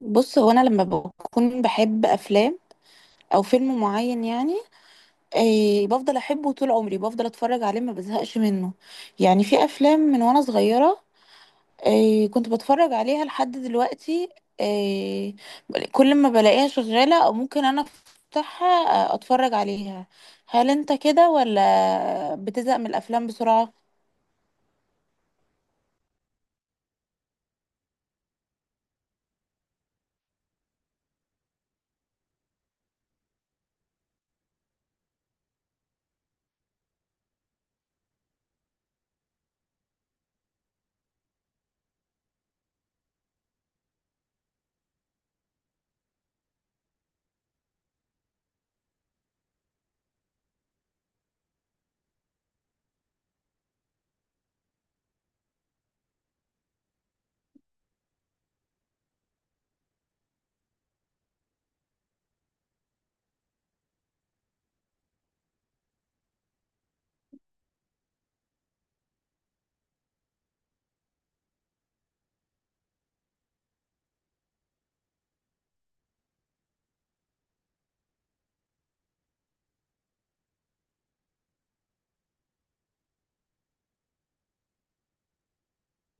بص هو انا لما بكون بحب افلام او فيلم معين، يعني إيه، بفضل احبه طول عمري، بفضل اتفرج عليه ما بزهقش منه. يعني في افلام من وانا صغيرة، إيه، كنت بتفرج عليها لحد دلوقتي. إيه، كل ما بلاقيها شغالة او ممكن انا افتحها اتفرج عليها. هل انت كده ولا بتزهق من الافلام بسرعة؟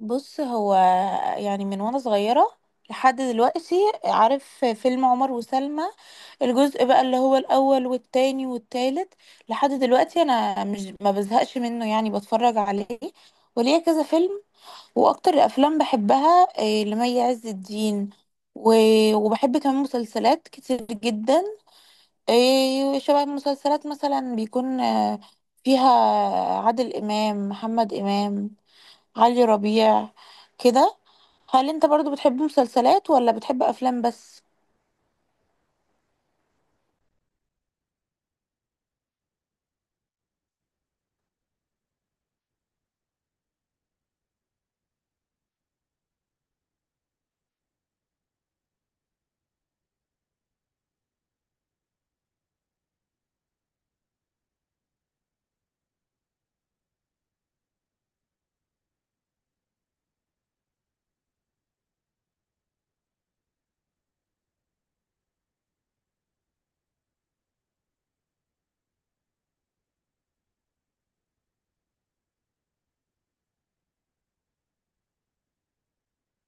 بص هو، يعني من وانا صغيرة لحد دلوقتي، عارف فيلم عمر وسلمى؟ الجزء بقى اللي هو الأول والتاني والتالت، لحد دلوقتي أنا مش ما بزهقش منه، يعني بتفرج عليه. وليا كذا فيلم. وأكتر الأفلام بحبها إيه، لمي عز الدين. و- وبحب كمان مسلسلات كتير جدا. إيه، شبه المسلسلات مثلا بيكون فيها عادل إمام، محمد إمام، علي ربيع كده. هل انت برضو بتحب مسلسلات ولا بتحب افلام بس؟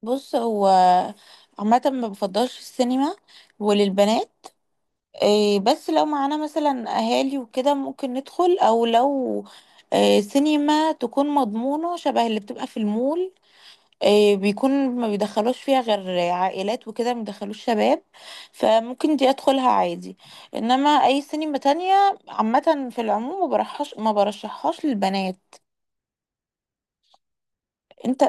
بص هو عامه ما بفضلش السينما وللبنات. إيه، بس لو معانا مثلا اهالي وكده ممكن ندخل، او لو إيه سينما تكون مضمونه شبه اللي بتبقى في المول، إيه بيكون ما بيدخلوش فيها غير عائلات وكده، ما بيدخلوش شباب، فممكن دي ادخلها عادي. انما اي سينما تانية عامه في العموم ما برحش ما برشحهاش للبنات. انت؟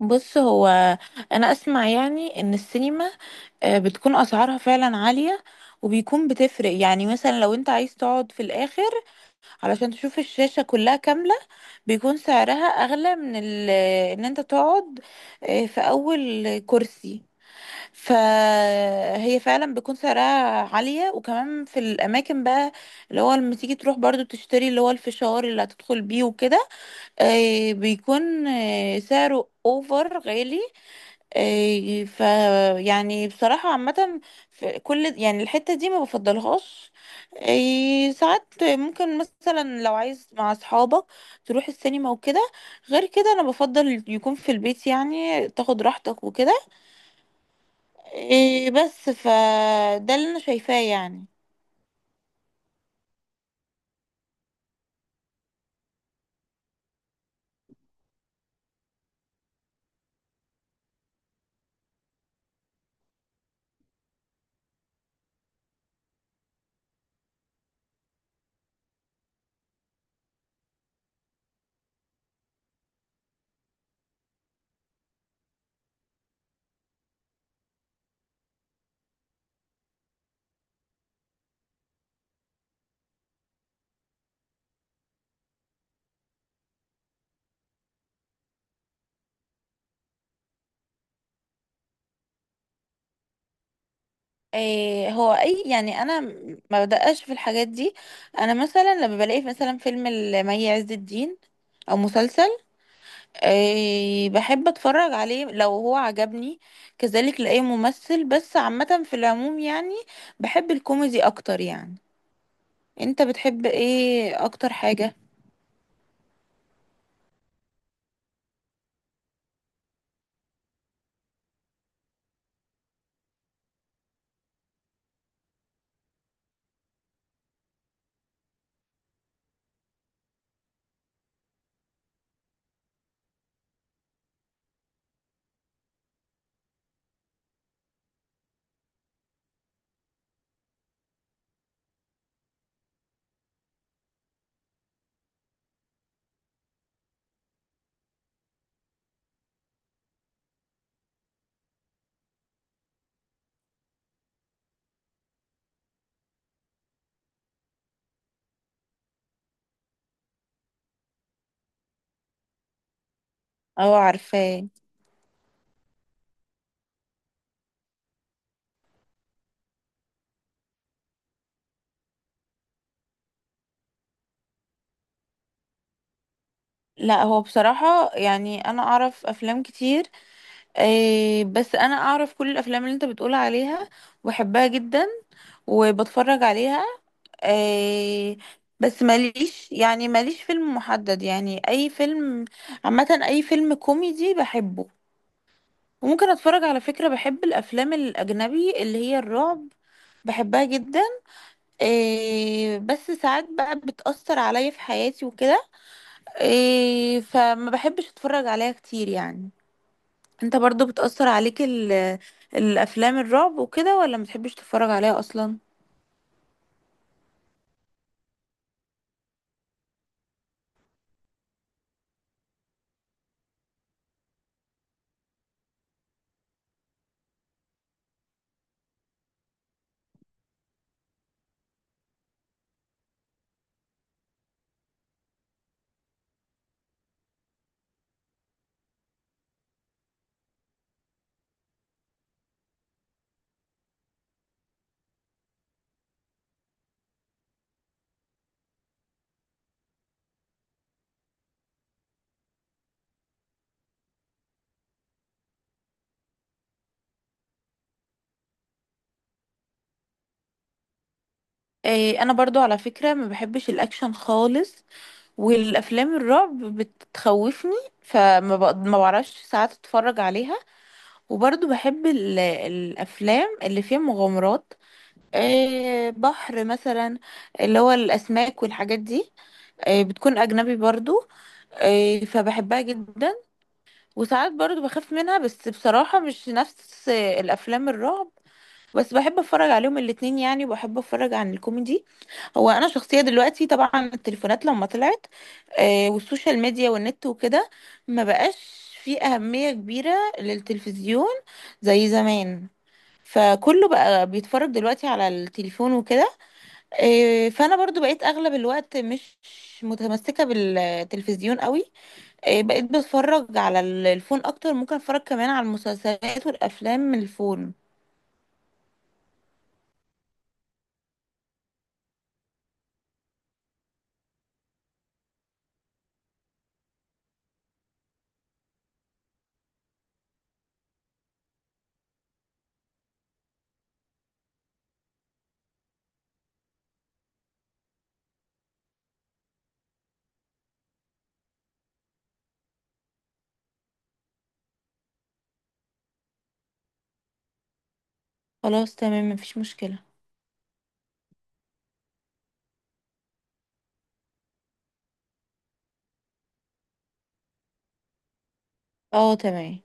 بص هو انا اسمع يعني ان السينما بتكون اسعارها فعلا عالية. وبيكون بتفرق، يعني مثلا لو انت عايز تقعد في الاخر علشان تشوف الشاشة كلها كاملة، بيكون سعرها اغلى من ان انت تقعد في اول كرسي. فهي فعلا بيكون سعرها عالية. وكمان في الاماكن بقى اللي هو لما تيجي تروح برضو تشتري اللي هو الفشار اللي هتدخل بيه وكده، بيكون سعره اوفر غالي. إيه ف يعني بصراحة عامة في كل يعني الحتة دي ما بفضلهاش. إيه ساعات ممكن مثلا لو عايز مع أصحابك تروح السينما وكده، غير كده أنا بفضل يكون في البيت، يعني تاخد راحتك وكده. إيه بس فده اللي أنا شايفاه يعني. إيه هو أي يعني أنا ما بدققش في الحاجات دي. أنا مثلا لما بلاقي مثلا فيلم لمي عز الدين أو مسلسل، أي بحب اتفرج عليه لو هو عجبني. كذلك لأي ممثل. بس عامة في العموم يعني بحب الكوميدي اكتر يعني. انت بتحب ايه اكتر حاجة؟ او عارفاه. لا هو بصراحة يعني انا اعرف افلام كتير. أي، بس انا اعرف كل الافلام اللي انت بتقول عليها وبحبها جدا وبتفرج عليها. أي، بس ماليش يعني ماليش فيلم محدد، يعني اي فيلم، عامة اي فيلم كوميدي بحبه. وممكن اتفرج على فكرة بحب الافلام الاجنبي اللي هي الرعب، بحبها جدا. إيه بس ساعات بقى بتأثر عليا في حياتي وكده. إيه، فما بحبش اتفرج عليها كتير يعني. انت برضو بتأثر عليك ال- الافلام الرعب وكده ولا ما بتحبش تتفرج عليها اصلا؟ إيه انا برضو على فكرة ما بحبش الاكشن خالص. والافلام الرعب بتخوفني، ما بعرفش ساعات اتفرج عليها. وبرضه بحب ال- الافلام اللي فيها مغامرات، بحر مثلا، اللي هو الاسماك والحاجات دي. بتكون اجنبي برضه. فبحبها جدا. وساعات برضه بخاف منها بس بصراحة مش نفس الافلام الرعب. بس بحب اتفرج عليهم الاتنين يعني، وبحب اتفرج عن الكوميدي. هو انا شخصية دلوقتي طبعا التليفونات لما طلعت، والسوشيال ميديا والنت وكده ما بقاش في أهمية كبيرة للتلفزيون زي زمان. فكله بقى بيتفرج دلوقتي على التليفون وكده. إيه، فانا برضو بقيت اغلب الوقت مش متمسكة بالتلفزيون قوي. إيه، بقيت بتفرج على ال- الفون اكتر. ممكن اتفرج كمان على المسلسلات والافلام من الفون. خلاص تمام، مفيش مشكلة. اه تمام.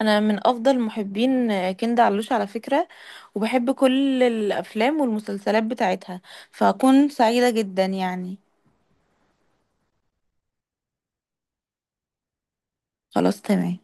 انا من افضل محبين كندا علوش على فكرة، وبحب كل الافلام والمسلسلات بتاعتها. فاكون سعيدة جدا يعني. خلاص تمام.